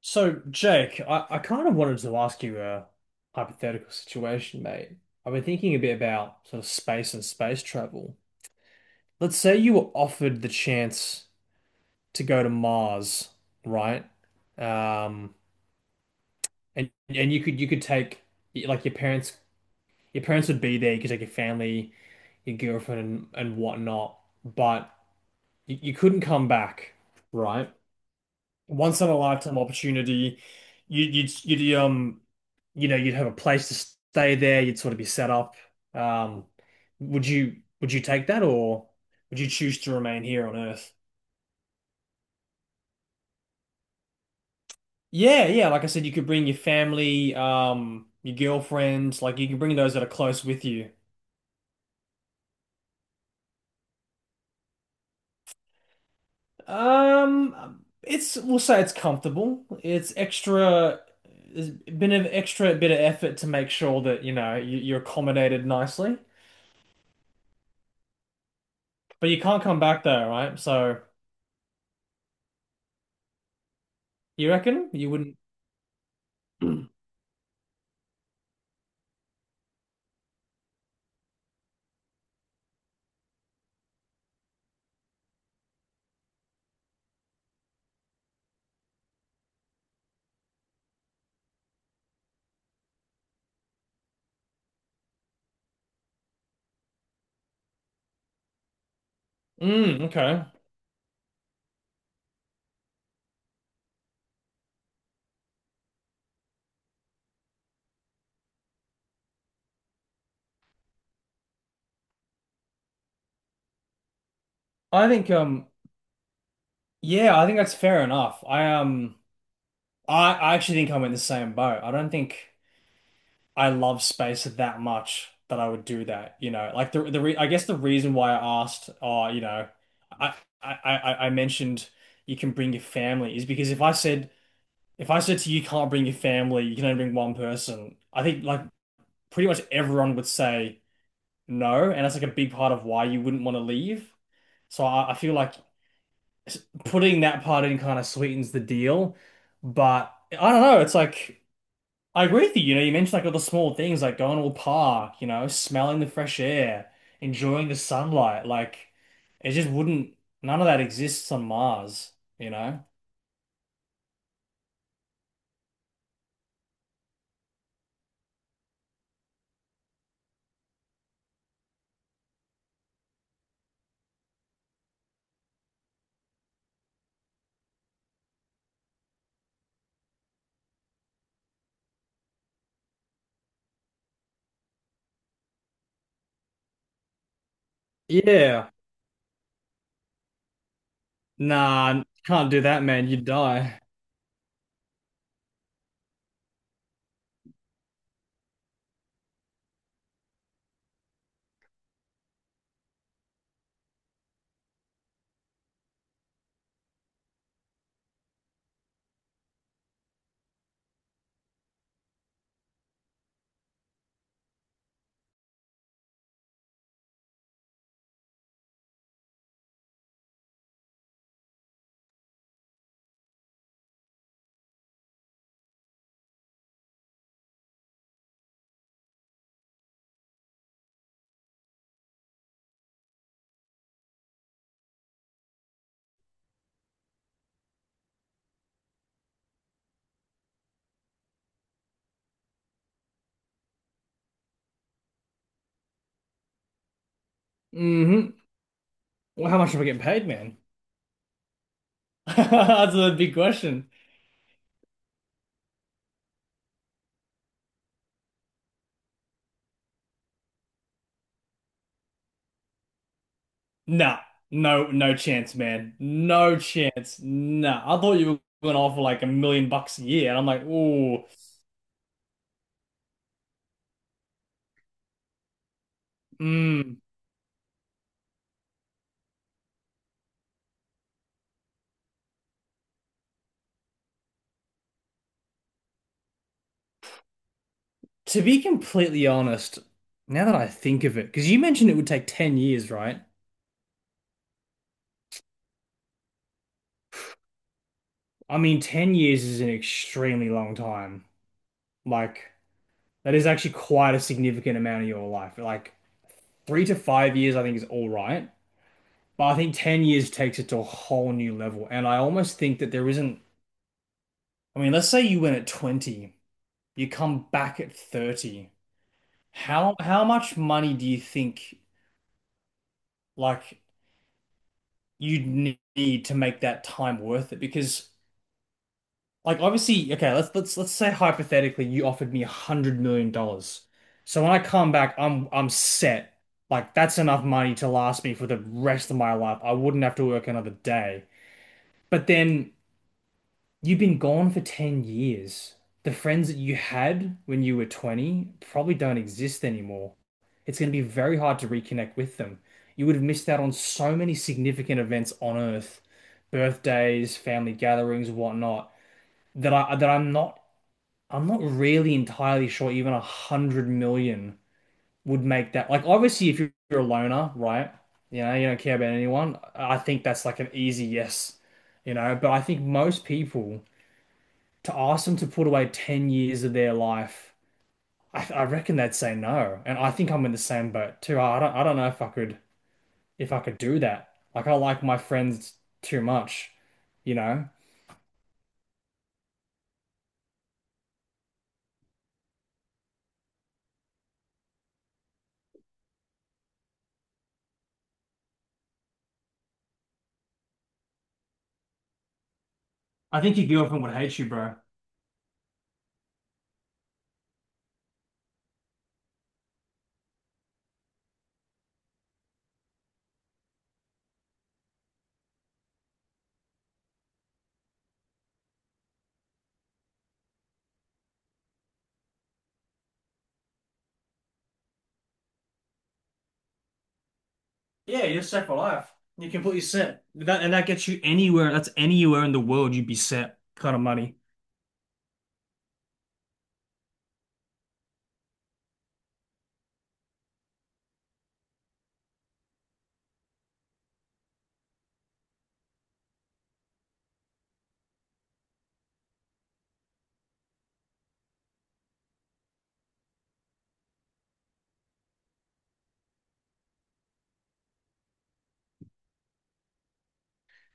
So, Jake, I kind of wanted to ask you a hypothetical situation, mate. I've been thinking a bit about sort of space and space travel. Let's say you were offered the chance to go to Mars, right? Um, and you could take like your parents would be there. You could take your family, your girlfriend, and whatnot, but you couldn't come back, right? Once in a lifetime opportunity. You, you'd, you'd, um, you'd have a place to stay there. You'd sort of be set up. Um, would you take that or would you choose to remain here on Earth? Yeah, yeah. Like I said, you could bring your family, your girlfriend, like you can bring those that are close with you. It's, we'll say it's comfortable. There's been an extra bit of effort to make sure that, you know, you're accommodated nicely. But you can't come back there, right? So you reckon you wouldn't? Mm, okay. I think um yeah, I think that's fair enough. I actually think I'm in the same boat. I don't think I love space that much that I would do that, you know. Like the re I guess the reason why I asked you know, I I I mentioned you can bring your family is because if I said to you, you can't bring your family, you can only bring one person, I think like pretty much everyone would say no, and that's like a big part of why you wouldn't want to leave. So I feel like s- putting that part in kind of sweetens the deal, but I don't know. It's like I agree with you. You know, you mentioned like all the small things, like going to a park, you know, smelling the fresh air, enjoying the sunlight. Like it just wouldn't. None of that exists on Mars. You know? Yeah. Nah, can't do that, man. You'd die. hmm Well, how much am we getting paid, man? That's a big question. Nah, no, no chance, man. No chance. Nah. I thought you were going to offer like 1 million bucks a year, and I'm like, ooh, mm. To be completely honest, now that I think of it, because you mentioned it would take 10 years, right? I mean, 10 years is an extremely long time. Like, that is actually quite a significant amount of your life. Like, three to five years, I think, is all right. But I think 10 years takes it to a whole new level. And I almost think that there isn't, I mean, let's say you went at 20. You come back at 30. How much money do you think like need to make that time worth it? Because like obviously, okay, let's say hypothetically you offered me $100 million. So when I come back, I'm set. Like that's enough money to last me for the rest of my life. I wouldn't have to work another day. But then you've been gone for 10 years. The friends that you had when you were 20 probably don't exist anymore. It's going to be very hard to reconnect with them. You would have missed out on so many significant events on Earth, birthdays, family gatherings, whatnot, that I'm not really entirely sure even 100 million would make that. Like obviously if you're a loner, right? You know, you don't care about anyone. I think that's like an easy yes, you know, but I think most people to ask them to put away 10 years of their life, I reckon they'd say no. And I think I'm in the same boat too. I don't know if I could do that. Like I like my friends too much, you know? I think your girlfriend would hate you, bro. Yeah, you're set for life. You're completely set. That gets you anywhere. That's anywhere in the world you'd be set kind of money.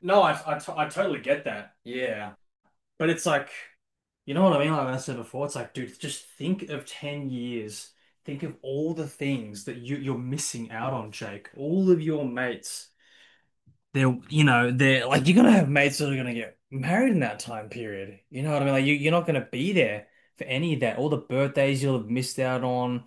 No, I, t I totally get that. Yeah. But it's like, you know what I mean? Like I said before, it's like, dude, just think of 10 years. Think of all the things that you're missing out on, Jake. All of your mates, they're, you know, they're like, you're gonna have mates that are gonna get married in that time period, you know what I mean? Like you're not gonna be there for any of that. All the birthdays you'll have missed out on,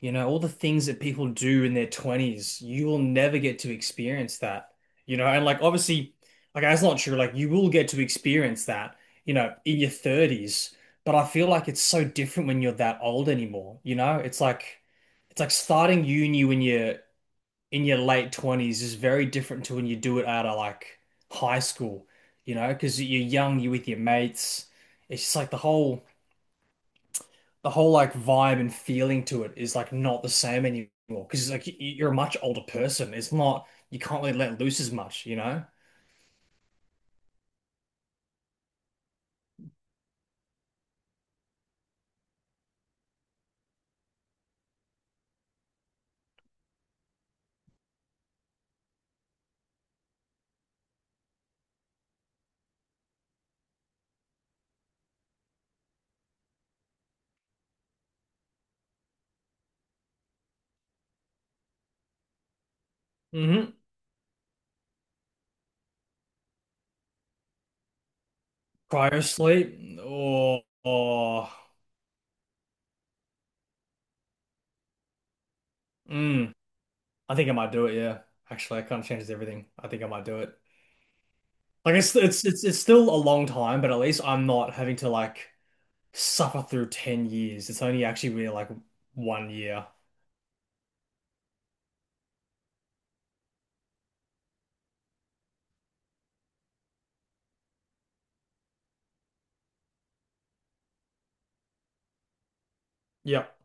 you know, all the things that people do in their 20s, you will never get to experience that, you know. And like obviously like that's not true, like you will get to experience that, you know, in your 30s. But I feel like it's so different when you're that old anymore, you know. It's like it's like starting uni when you're in your late 20s is very different to when you do it out of like high school, you know, because you're young, you're with your mates. It's just like the whole like vibe and feeling to it is like not the same anymore because it's like you're a much older person. It's not, you can't really let loose as much, you know? hmm Cryo sleep, or mm, I think I might do it, yeah. Actually, I kind of, changes everything. I think I might do it. Like it's it's still a long time, but at least I'm not having to like suffer through 10 years. It's only actually really like 1 year. Yep.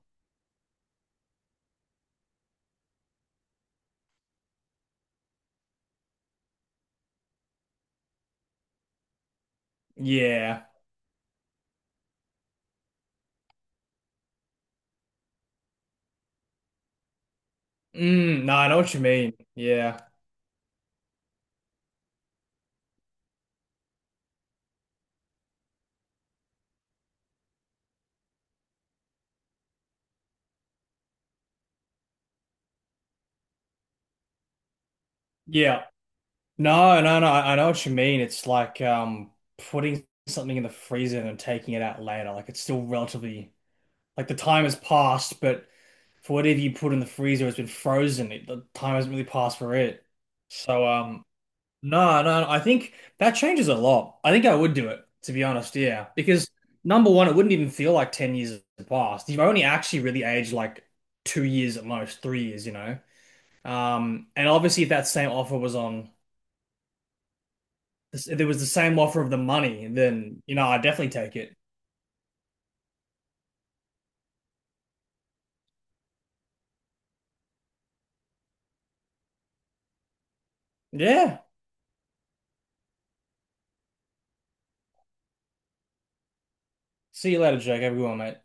Yeah. Mm, no, I know what you mean. Yeah. Yeah. No, no, no, I know what you mean. It's like putting something in the freezer and then taking it out later. Like it's still relatively, like the time has passed, but for whatever you put in the freezer, it's been frozen. It, the time hasn't really passed for it. So no, no, I think that changes a lot. I think I would do it, to be honest. Yeah, because number one, it wouldn't even feel like 10 years have passed. You've only actually really aged like 2 years at most, 3 years, you know. And obviously, if that same offer was on, if there was the same offer of the money, then you know I'd definitely take it. Yeah. See you later, Jake. Have a good one, mate.